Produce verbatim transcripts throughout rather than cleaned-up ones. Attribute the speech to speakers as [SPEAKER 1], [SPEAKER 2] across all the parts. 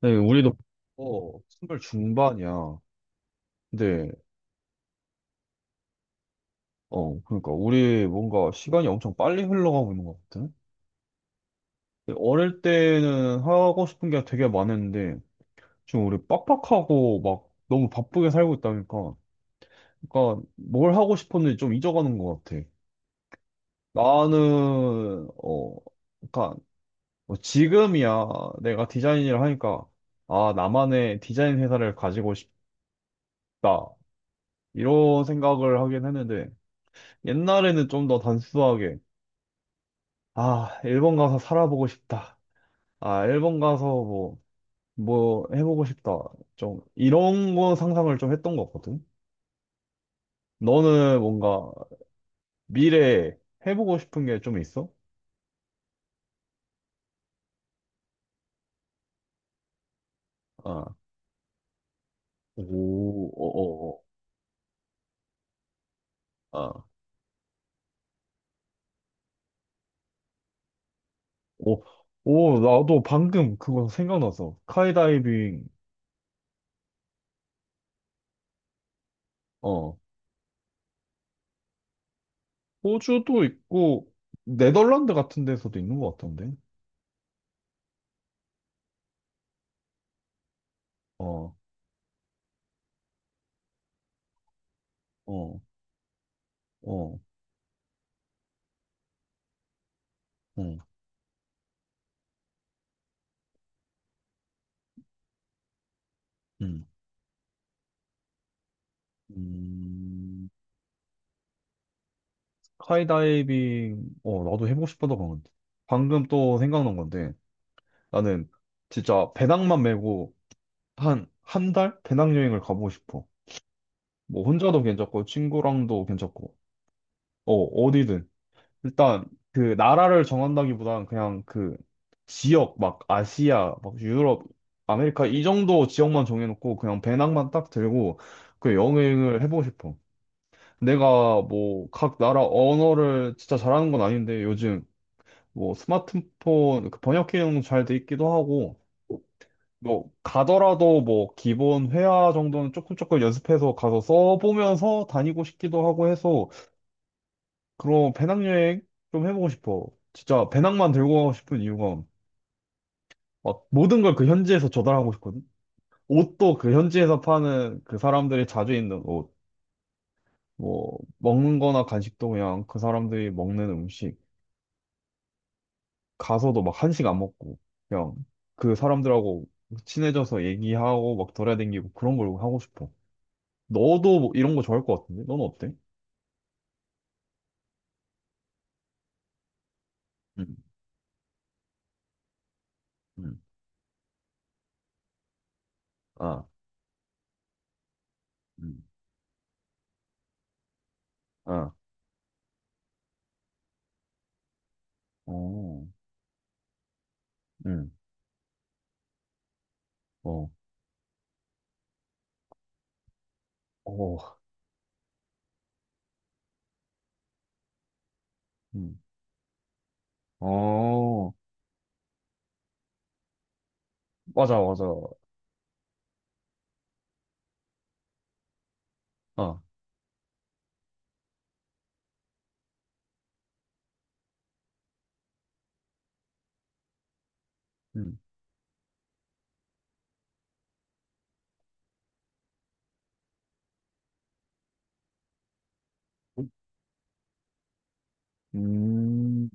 [SPEAKER 1] 네, 우리도 어, 선발 중반이야. 근데 어, 그러니까 우리 뭔가 시간이 엄청 빨리 흘러가고 있는 것 같아. 근데 어릴 때는 하고 싶은 게 되게 많았는데 지금 우리 빡빡하고 막 너무 바쁘게 살고 있다니까. 그러니까 뭘 하고 싶었는지 좀 잊어가는 것 같아. 나는 어, 그러니까 뭐 지금이야 내가 디자인 일을 하니까 아 나만의 디자인 회사를 가지고 싶다 이런 생각을 하긴 했는데. 옛날에는 좀 더 단순하게, 아, 일본 가서 살아보고 싶다. 아, 일본 가서 뭐, 뭐 해보고 싶다. 좀, 이런 거 상상을 좀 했던 거거든? 너는 뭔가 미래에 해보고 싶은 게 좀 있어? 아, 오, 어, 어, 어, 아, 오, 오, 나도 방금 그거 생각나서. 스카이다이빙, 어, 호주도 있고, 네덜란드 같은 데서도 있는 것 같던데? 어, 어, 어, 응. 음. 음. 스카이다이빙, 어, 나도 해보고 싶었던 건 방금 또 생각난 건데, 나는 진짜 배낭만 메고 한, 한 달? 배낭여행을 가보고 싶어. 뭐, 혼자도 괜찮고, 친구랑도 괜찮고, 어, 어디든. 일단, 그, 나라를 정한다기보단 그냥 그, 지역, 막, 아시아, 막, 유럽, 아메리카, 이 정도 지역만 정해놓고, 그냥 배낭만 딱 들고, 그 여행을 해보고 싶어. 내가 뭐, 각 나라 언어를 진짜 잘하는 건 아닌데, 요즘, 뭐 스마트폰 그 번역 기능 잘 돼 있기도 하고 뭐 가더라도 뭐 기본 회화 정도는 조금 조금 연습해서 가서 써보면서 다니고 싶기도 하고 해서 그런 배낭여행 좀 해보고 싶어. 진짜 배낭만 들고 가고 싶은 이유가 막 모든 걸 그 현지에서 조달하고 싶거든. 옷도 그 현지에서 파는 그 사람들이 자주 입는 옷, 뭐 먹는 거나 간식도 그냥 그 사람들이 먹는 음식. 가서도 막 한식 안 먹고 그냥 그 사람들하고 친해져서 얘기하고 막 돌아다니고 그런 걸 하고 싶어. 너도 뭐 이런 거 좋아할 것 같은데? 너는 어때? 응, 응, 아, 응, 아, 어, 응, 어, 어, 응, 어, 맞아, 맞아, 아, 응, 음,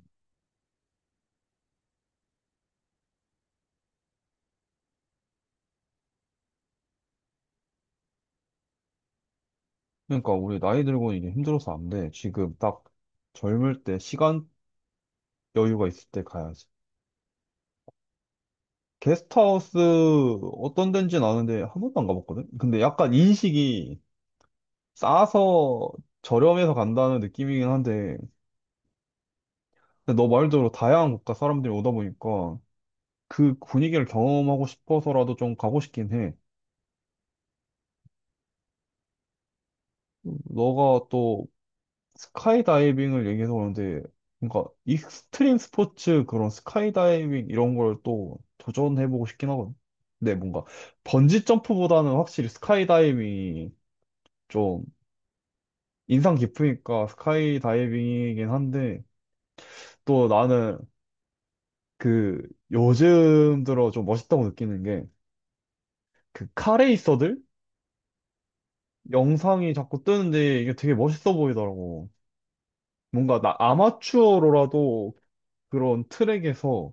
[SPEAKER 1] 그러니까 우리 나이 들고는 이게 힘들어서 안 돼. 지금 딱 젊을 때 시간 여유가 있을 때 가야지. 게스트하우스 어떤 데인지는 아는데 한 번도 안 가봤거든? 근데 약간 인식이 싸서 저렴해서 간다는 느낌이긴 한데, 근데 너 말대로 다양한 국가 사람들이 오다 보니까 그 분위기를 경험하고 싶어서라도 좀 가고 싶긴 해. 너가 또 스카이다이빙을 얘기해서 그런데, 그러니까 익스트림 스포츠 그런 스카이다이빙 이런 걸 또 도전해보고 싶긴 하거든. 근데 뭔가 번지 점프보다는 확실히 스카이다이빙이 좀 인상 깊으니까 스카이 다이빙이긴 한데 또 나는 그 요즘 들어 좀 멋있다고 느끼는 게 그 카레이서들 영상이 자꾸 뜨는데 이게 되게 멋있어 보이더라고. 뭔가 나 아마추어로라도 그런 트랙에서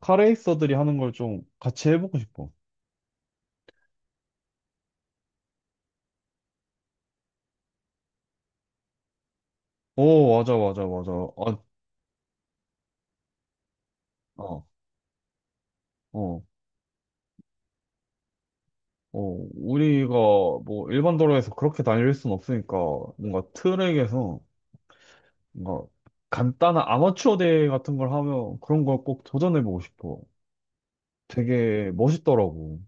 [SPEAKER 1] 카레이서들이 하는 걸 좀 같이 해보고 싶어. 오, 맞아, 맞아, 맞아. 아, 어, 어. 어, 우리가 뭐 일반 도로에서 그렇게 달릴 순 없으니까 뭔가 트랙에서 뭔가 간단한 아마추어 대회 같은 걸 하면 그런 걸 꼭 도전해보고 싶어. 되게 멋있더라고.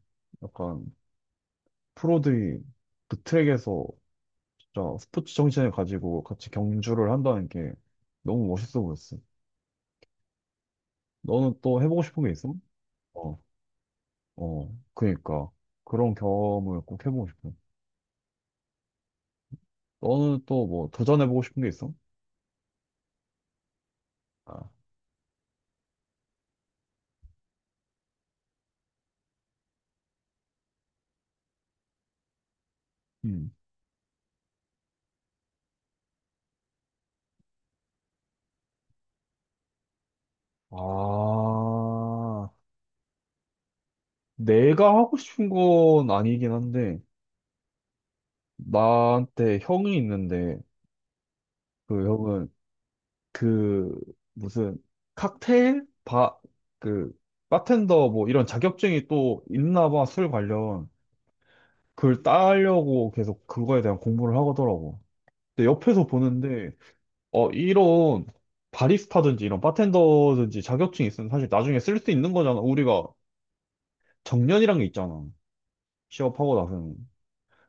[SPEAKER 1] 약간 프로들이 그 트랙에서 진짜 스포츠 정신을 가지고 같이 경주를 한다는 게 너무 멋있어 보였어. 너는 또 해보고 싶은 게 있어? 어, 어, 그니까. 그런 경험을 꼭 해보고 싶어. 너는 또 뭐 도전해보고 싶은 게 있어? 아, 음. 아, 내가 하고 싶은 건 아니긴 한데, 나한테 형이 있는데 그 형은 그 무슨 칵테일 바 그 바텐더 뭐 이런 자격증이 또 있나 봐 술 관련 그걸 따려고 계속 그거에 대한 공부를 하더라고. 근데 옆에서 보는데 어 이런 바리스타든지 이런 바텐더든지 자격증이 있으면 사실 나중에 쓸 수 있는 거잖아. 우리가 정년이란 게 있잖아. 취업하고 나서는.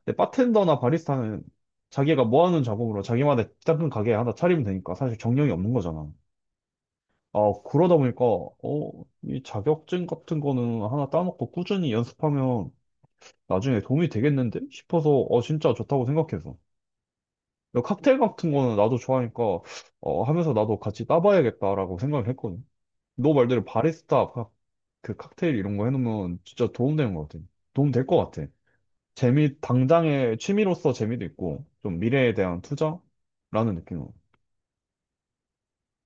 [SPEAKER 1] 근데 바텐더나 바리스타는 자기가 뭐 하는 작업으로 자기만의 작은 가게 하나 차리면 되니까 사실 정령이 없는 거잖아. 아, 그러다 보니까, 어, 이 자격증 같은 거는 하나 따놓고 꾸준히 연습하면 나중에 도움이 되겠는데? 싶어서, 어, 진짜 좋다고 생각해서. 그리고 칵테일 같은 거는 나도 좋아하니까, 어, 하면서 나도 같이 따봐야겠다라고 생각을 했거든. 너 말대로 바리스타, 칵- 그 칵테일 이런 거 해놓으면 진짜 도움 되는 것 같아. 도움 될 것 같아. 재미, 당장의 취미로서 재미도 있고, 좀 미래에 대한 투자라는 느낌으로.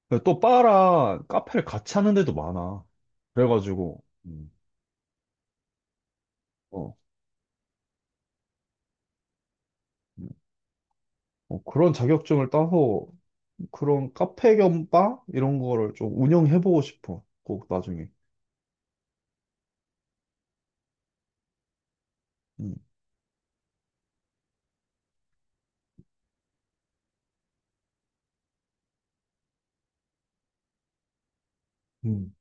[SPEAKER 1] 근데 또 바랑 카페를 같이 하는 데도 많아. 그래가지고, 음, 어, 음, 어, 그런 자격증을 따서 그런 카페 겸 바? 이런 거를 좀 운영해보고 싶어. 꼭 나중에. 음, 음.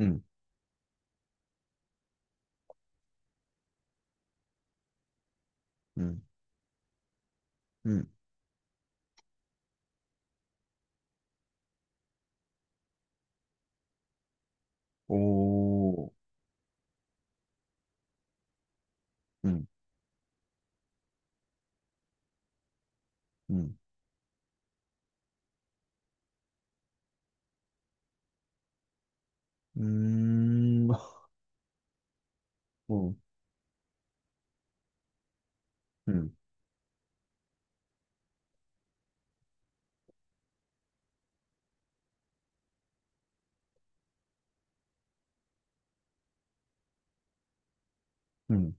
[SPEAKER 1] 음, 음, 음. 오, 음, 음, 음, 어, 음, 음,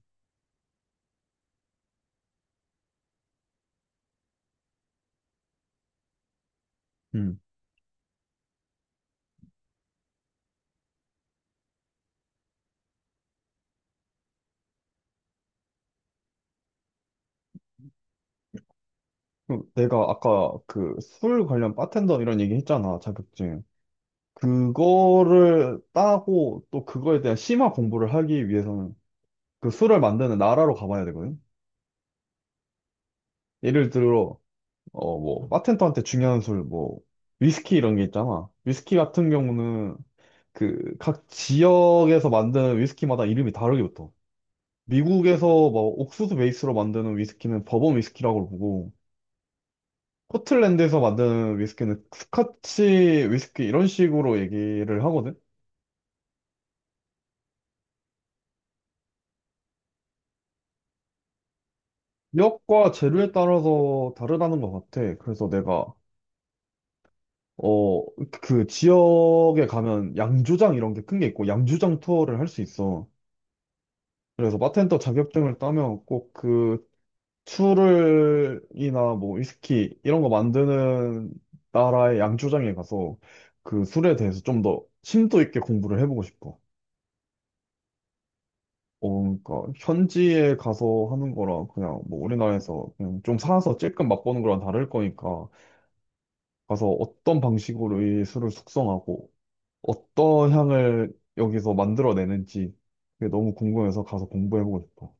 [SPEAKER 1] 음. 그럼 내가 아까 그 술 관련 바텐더 이런 얘기 했잖아, 자격증. 그거를 따고 또 그거에 대한 심화 공부를 하기 위해서는 그 술을 만드는 나라로 가봐야 되거든. 예를 들어, 어, 뭐, 바텐더한테 중요한 술, 뭐, 위스키 이런 게 있잖아. 위스키 같은 경우는 그 각 지역에서 만드는 위스키마다 이름이 다르게 붙어. 미국에서 뭐 옥수수 베이스로 만드는 위스키는 버번 위스키라고 부르고, 스코틀랜드에서 만드는 위스키는 스카치 위스키 이런 식으로 얘기를 하거든. 지역과 재료에 따라서 다르다는 것 같아. 그래서 내가, 어, 그 지역에 가면 양조장 이런 게 큰 게 있고, 양조장 투어를 할 수 있어. 그래서 바텐더 자격증을 따면 꼭 그 술을이나 뭐 위스키 이런 거 만드는 나라의 양조장에 가서 그 술에 대해서 좀 더 심도 있게 공부를 해보고 싶어. 어, 그러니까 현지에 가서 하는 거랑 그냥 뭐 우리나라에서 그냥 좀 사서 찔끔 맛보는 거랑 다를 거니까 가서 어떤 방식으로 이 술을 숙성하고 어떤 향을 여기서 만들어내는지 그게 너무 궁금해서 가서 공부해보고 싶어.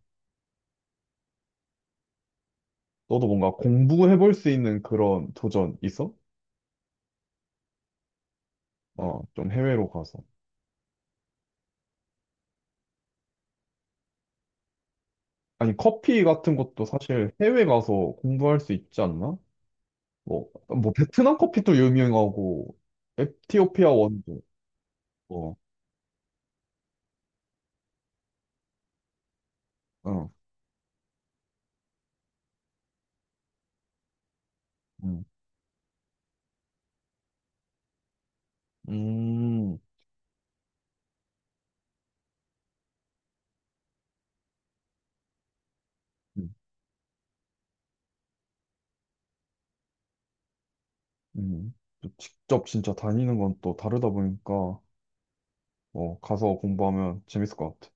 [SPEAKER 1] 너도 뭔가 공부해볼 수 있는 그런 도전 있어? 어, 좀 해외로 가서. 아니, 커피 같은 것도 사실 해외 가서 공부할 수 있지 않나? 뭐, 뭐 베트남 커피도 유명하고 에티오피아 원두. 어, 어, 음, 음, 음. 음. 직접 진짜 다니는 건 또 다르다 보니까 어, 가서 공부하면 재밌을 것 같아.